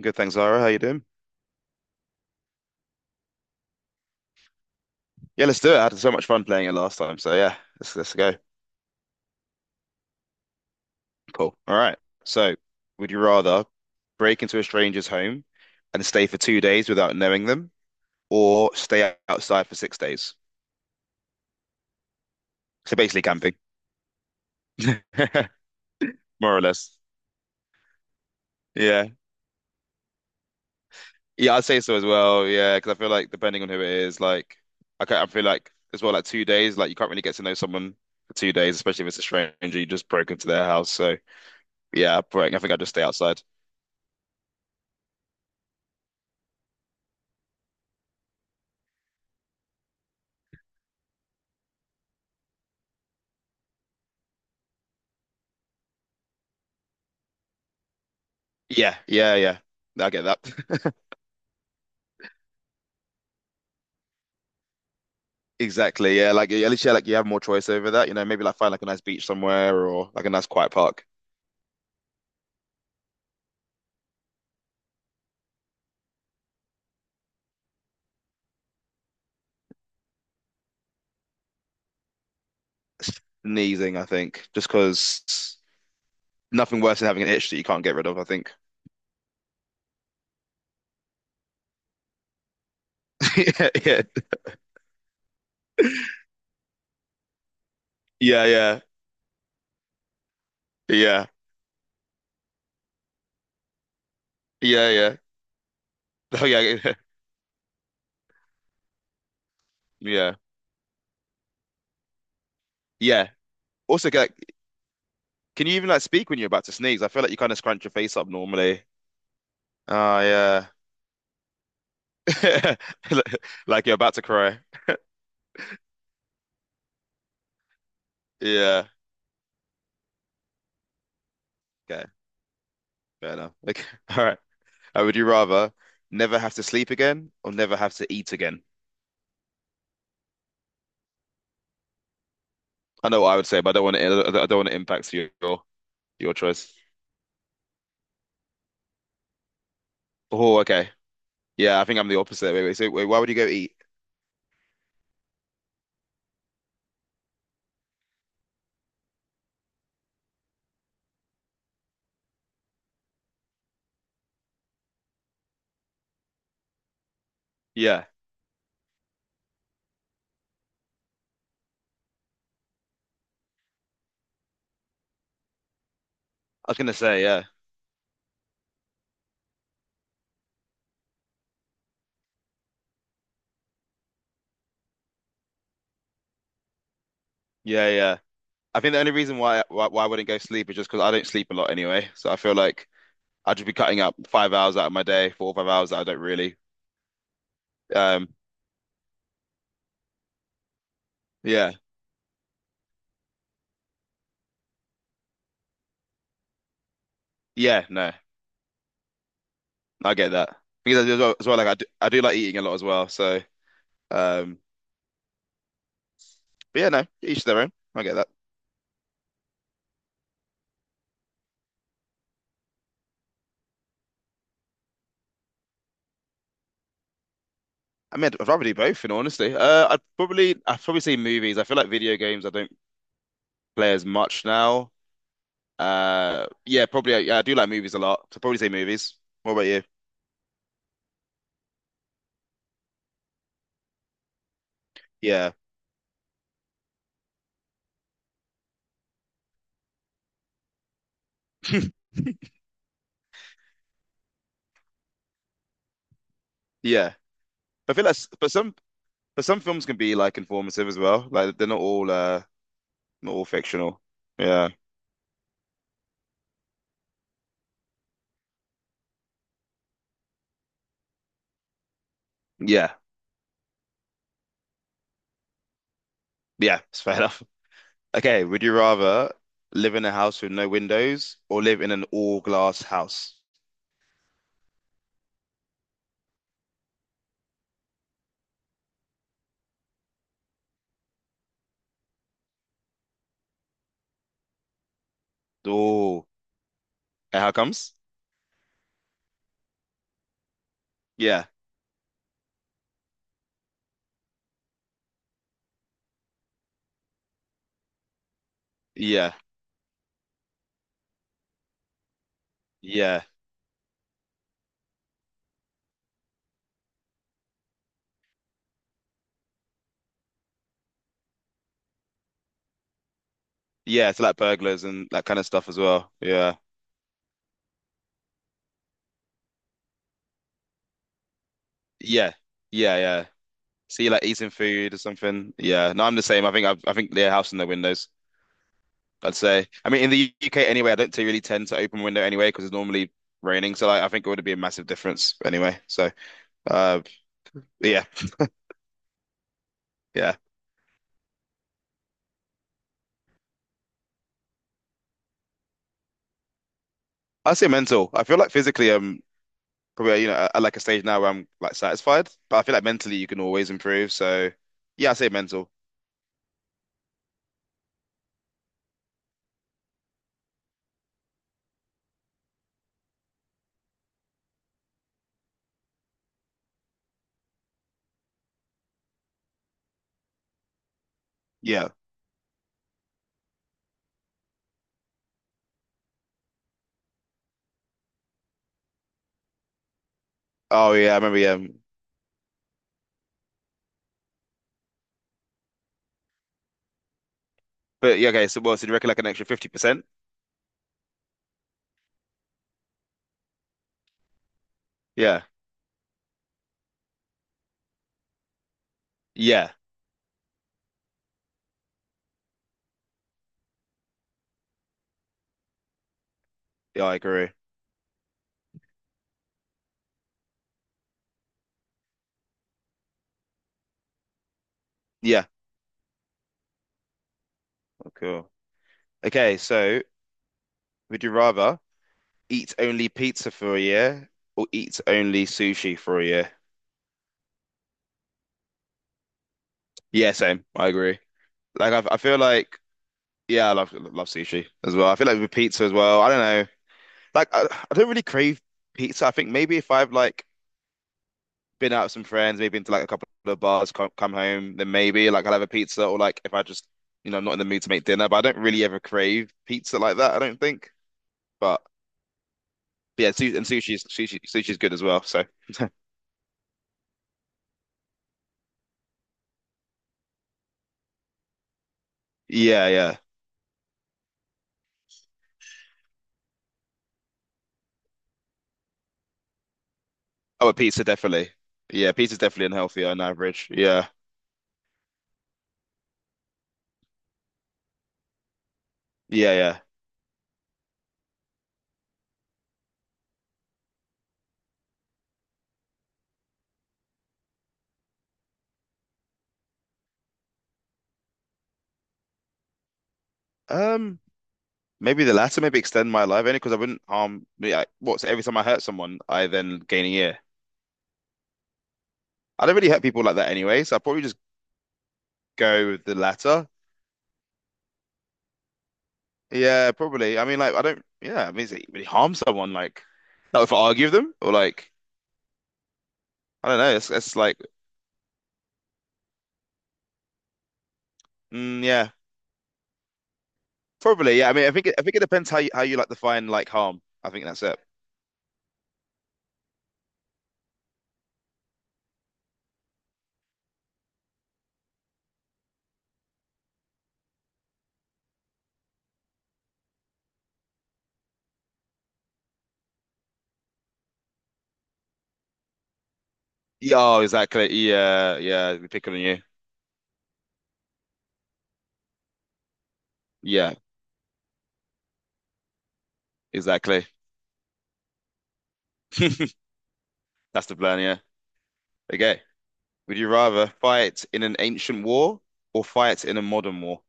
Good, thanks, Zara. How you doing? Yeah, let's do it. I had so much fun playing it last time. So yeah, let's go. Cool. All right. So, would you rather break into a stranger's home and stay for 2 days without knowing them, or stay outside for 6 days? So basically camping, more or less. Yeah, yeah, I'd say so as well. Yeah, because I feel like depending on who it is, like I feel like as well, like 2 days, like you can't really get to know someone for 2 days, especially if it's a stranger you just broke into their house. So yeah, I think I'd just stay outside. Yeah, yeah, yeah. I get that. Exactly. Yeah, like at least yeah, like you have more choice over that. You know, maybe like find like a nice beach somewhere or like a nice quiet park. Sneezing, I think, just because nothing worse than having an itch that you can't get rid of. I think. Yeah, yeah, yeah, yeah, yeah, yeah, yeah. Oh yeah, yeah, yeah. Yeah. Also, like, can you even like speak when you're about to sneeze? I feel like you kind of scrunch your face up normally. Oh yeah, like you're about to cry. Yeah. Okay. Fair enough. Okay. All right. Would you rather never have to sleep again or never have to eat again? I know what I would say, but I don't want to. I don't want to impact your choice. Oh, okay. Yeah, I think I'm the opposite. Wait, wait. So, wait, why would you go eat? Yeah, I was gonna say yeah, yeah, yeah. I think the only reason why I wouldn't go sleep is just because I don't sleep a lot anyway. So I feel like I'd just be cutting up 5 hours out of my day, 4 or 5 hours that I don't really. Um, yeah, yeah. No, I get that because as well like I do like eating a lot as well. So, um, but yeah, no, each their own. I get that. I mean, I'd rather do both, in all honesty. I'd probably say movies. I feel like video games I don't play as much now. Yeah, probably. Yeah, I do like movies a lot, so probably say movies. What about you? Yeah, yeah. I feel like, but some films can be like informative as well. Like they're not all, not all fictional. Yeah, yeah, yeah. It's fair enough. Okay, would you rather live in a house with no windows or live in an all glass house? Oh, and how comes? Yeah, yeah, yeah. Yeah, so like burglars and that kind of stuff as well. Yeah. Yeah. Yeah, yeah. See like eating food or something. Yeah. No, I'm the same. I think they're house in their windows, I'd say. I mean in the UK anyway, I don't t- really tend to open window anyway because it's normally raining. So like, I think it would be a massive difference anyway. So uh yeah, yeah. I say mental. I feel like physically probably you know at like a stage now where I'm like satisfied, but I feel like mentally you can always improve. So yeah, I say mental. Yeah. Oh yeah, I remember yeah. But yeah, okay, so well, so do you reckon like an extra 50%? Yeah. Yeah. Yeah, I agree. Yeah. Oh, cool. Okay, so would you rather eat only pizza for a year or eat only sushi for a year? Yeah, same. I agree. I feel like yeah, I love sushi as well. I feel like with pizza as well. I don't know. Like I, I don't really crave pizza. I think maybe if I've like been out with some friends, maybe into like a couple of bars, come home, then maybe like I'll have a pizza or like if I just you know I'm not in the mood to make dinner. But I don't really ever crave pizza like that. I don't think. But But yeah, and sushi's good as well. So yeah, yeah. Oh, but pizza definitely. Yeah, pizza's definitely unhealthy on average. Yeah, yeah, yeah. Um, Maybe the latter. Maybe extend my life only because I wouldn't harm. Yeah, I- what? So every time I hurt someone, I then gain a year. I don't really hurt people like that anyway, so I'll probably just go with the latter. Yeah, probably. I mean, like I don't. Yeah, I mean, is it really harm someone? Like, not if I argue with them or like I don't know. It's like mm, yeah, probably. Yeah, I mean, I think it depends how you like define like harm. I think that's it. Yeah, oh, exactly. Yeah, yeah. They pick on you. Yeah, exactly. That's the plan. Yeah. Okay. Would you rather fight in an ancient war or fight in a modern war?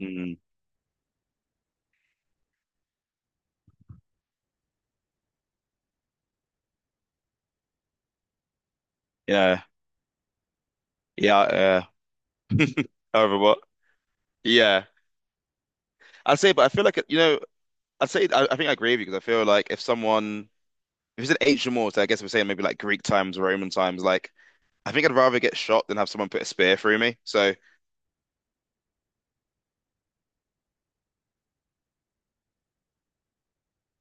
Mm, yeah. Yeah. Uh, however, what? Yeah. I'd say, but I feel like, you know, I think I agree with you because I feel like if someone, if it's an ancient war, so I guess we're saying maybe like Greek times, Roman times, like, I think I'd rather get shot than have someone put a spear through me. So,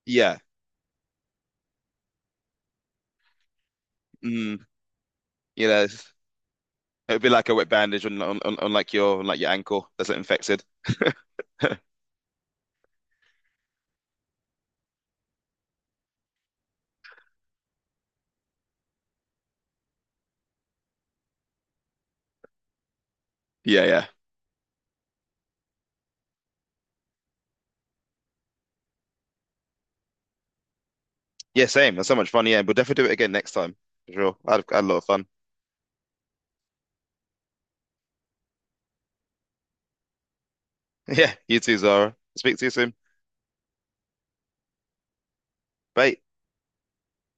yeah. Mm, you know. It'd be like a wet bandage on like your ankle that's infected. Yeah, yeah. Yeah, same. That's so much fun. Yeah, we'll definitely do it again next time. For sure. I had a lot of fun. Yeah, you too, Zara. Speak to you soon. Bye.